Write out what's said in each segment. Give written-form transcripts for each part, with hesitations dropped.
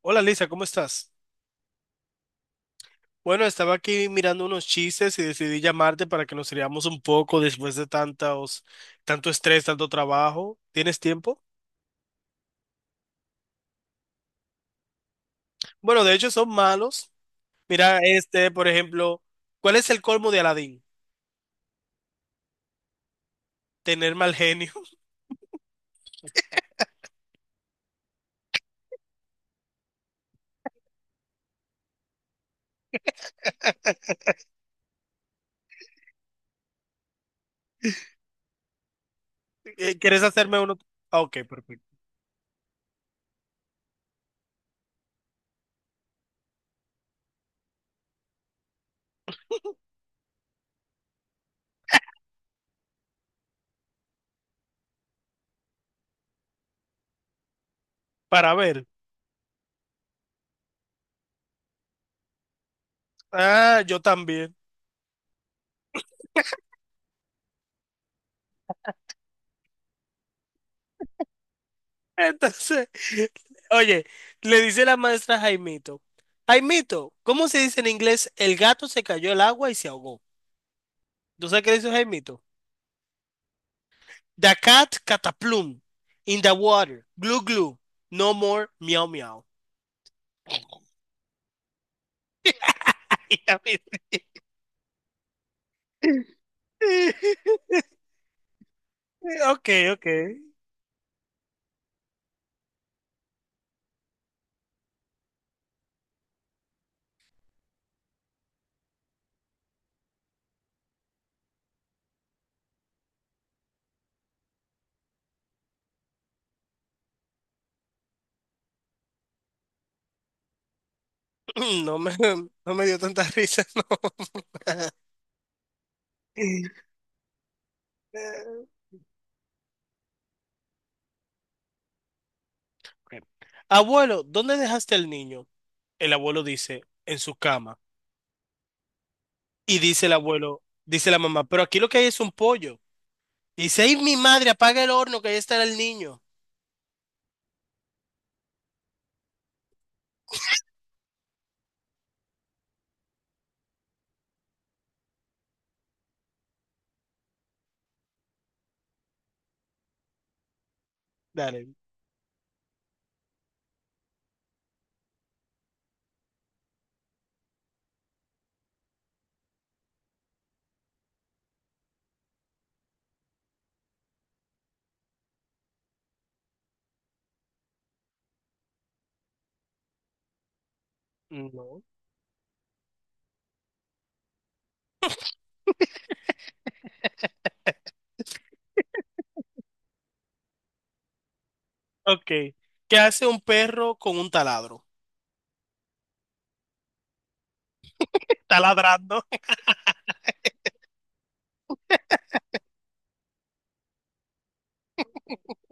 Hola Lisa, ¿cómo estás? Bueno, estaba aquí mirando unos chistes y decidí llamarte para que nos riamos un poco después de tantos, tanto estrés, tanto trabajo. ¿Tienes tiempo? Bueno, de hecho son malos. Mira, este, por ejemplo, ¿cuál es el colmo de Aladín? Tener mal genio. ¿Quieres hacerme uno? Ah, ok, perfecto. Para ver. Ah, yo también. Entonces, oye, le dice la maestra a Jaimito, Jaimito, ¿cómo se dice en inglés? El gato se cayó al agua y se ahogó. ¿Tú sabes qué dice Jaimito? The cat cataplum in the water. Glue glue. No more miau miau. Y a ok, ok. No me, no me dio tanta risa, no. Ok. Abuelo, ¿dónde dejaste al niño? El abuelo dice, en su cama. Y dice el abuelo, dice la mamá, pero aquí lo que hay es un pollo. Y dice, ay, mi madre, apaga el horno, que ahí estará el niño. Dale. No. Ok. ¿Qué hace un perro con un taladro? Taladrando.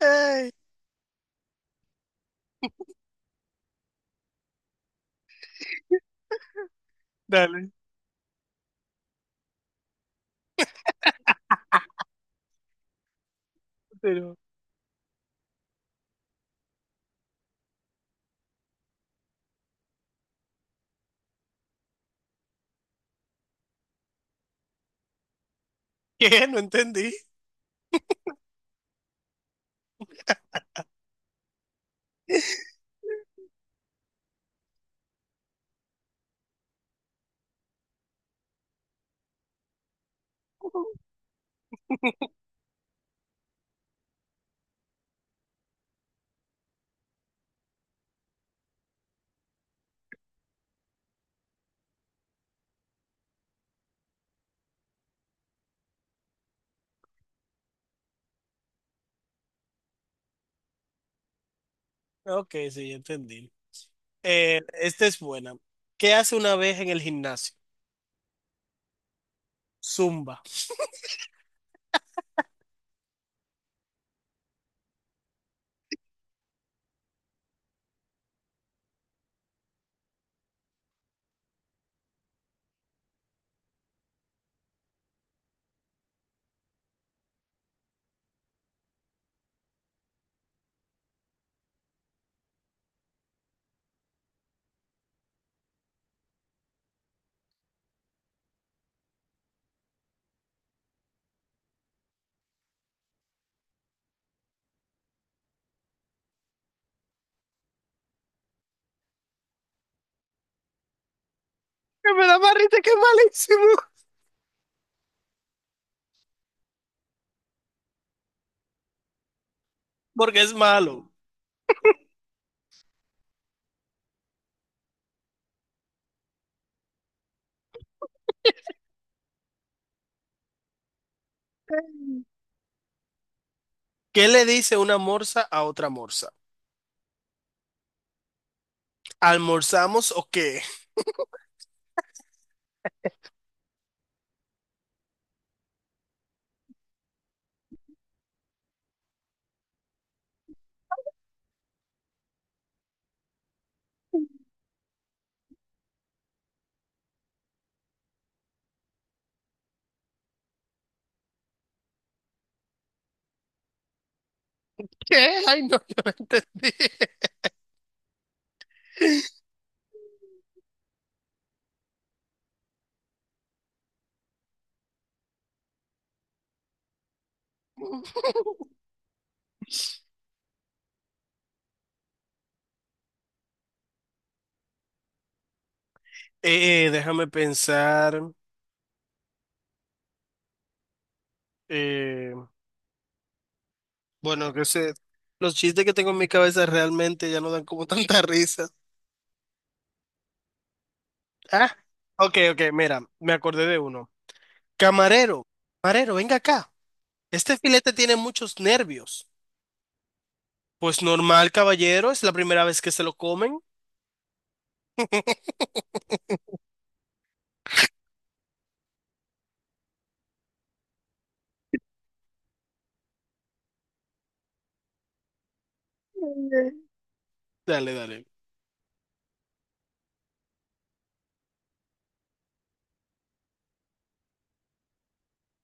Ay, dale. Pero... ¿Qué? No entendí. Ok, sí, ya entendí. Esta es buena. ¿Qué hace una vez en el gimnasio? Zumba. Que me da más risa que es malísimo. Porque es malo. ¿Qué le dice una morsa a otra morsa? ¿Almorzamos o qué? ¿Qué? Ay, no, yo no entendí. Déjame pensar. eh, bueno, que sé. Los chistes que tengo en mi cabeza realmente ya no dan como tanta risa. Ah, ok, ok, mira, me acordé de uno. Camarero, camarero, venga acá. Este filete tiene muchos nervios. Pues normal, caballero, es la primera vez que se lo comen. Dale, dale.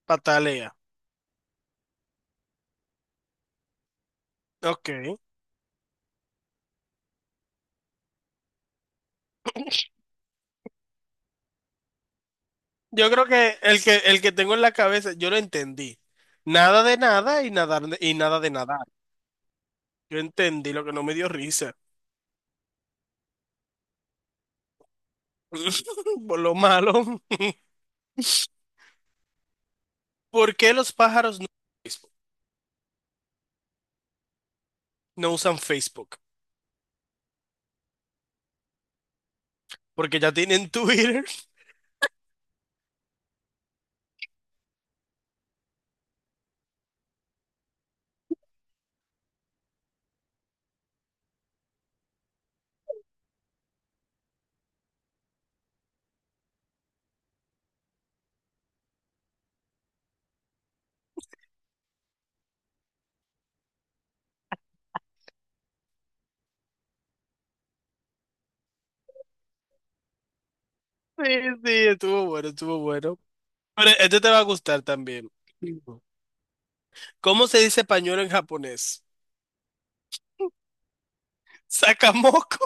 Patalea. Ok. Yo creo que el que tengo en la cabeza, yo lo entendí. Nada de nada y y nada de nadar. Yo entendí lo que no me dio risa. Por lo malo. ¿Por qué los pájaros no, usan Facebook? ¿No usan Facebook? Porque ya tienen Twitter. Sí, sí, estuvo bueno, estuvo bueno. Pero este te va a gustar también. ¿Cómo se dice pañuelo en japonés? Sakamoko.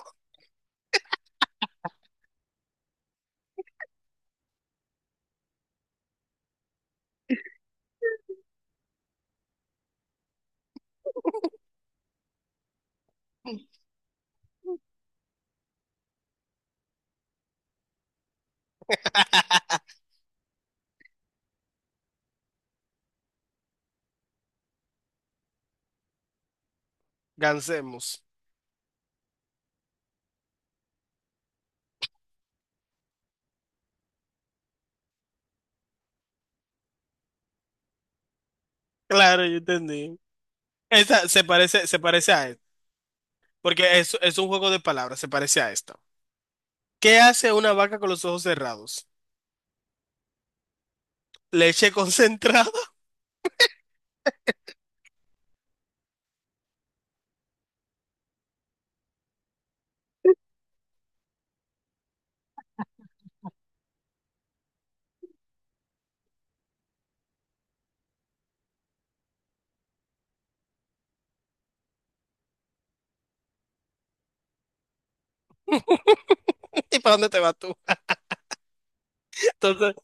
Gansemos. Claro, yo entendí. Esta se parece a esta, porque es un juego de palabras, se parece a esta. ¿Qué hace una vaca con los ojos cerrados? Leche concentrada. ¿Y para dónde te vas tú? Entonces,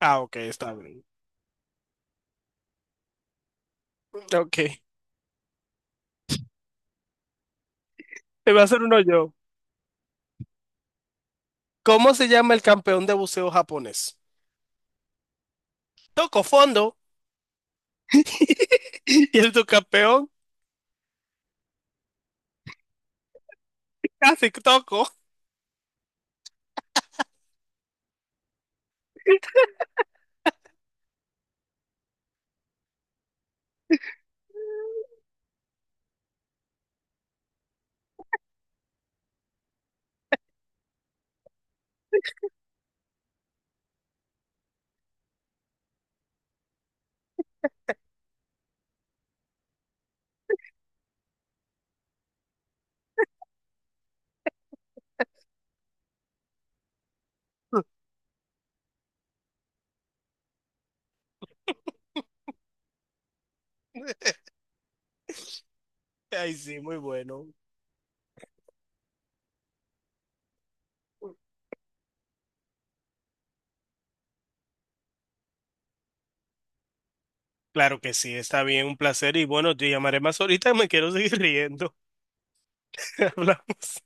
ah, ok, está bien. Ok. Te voy a hacer uno yo. ¿Cómo se llama el campeón de buceo japonés? Toco fondo. Y el subcampeón casi toco. Ay, sí, muy bueno. Claro que sí, está bien, un placer. Y bueno, te llamaré más ahorita, me quiero seguir riendo. Hablamos.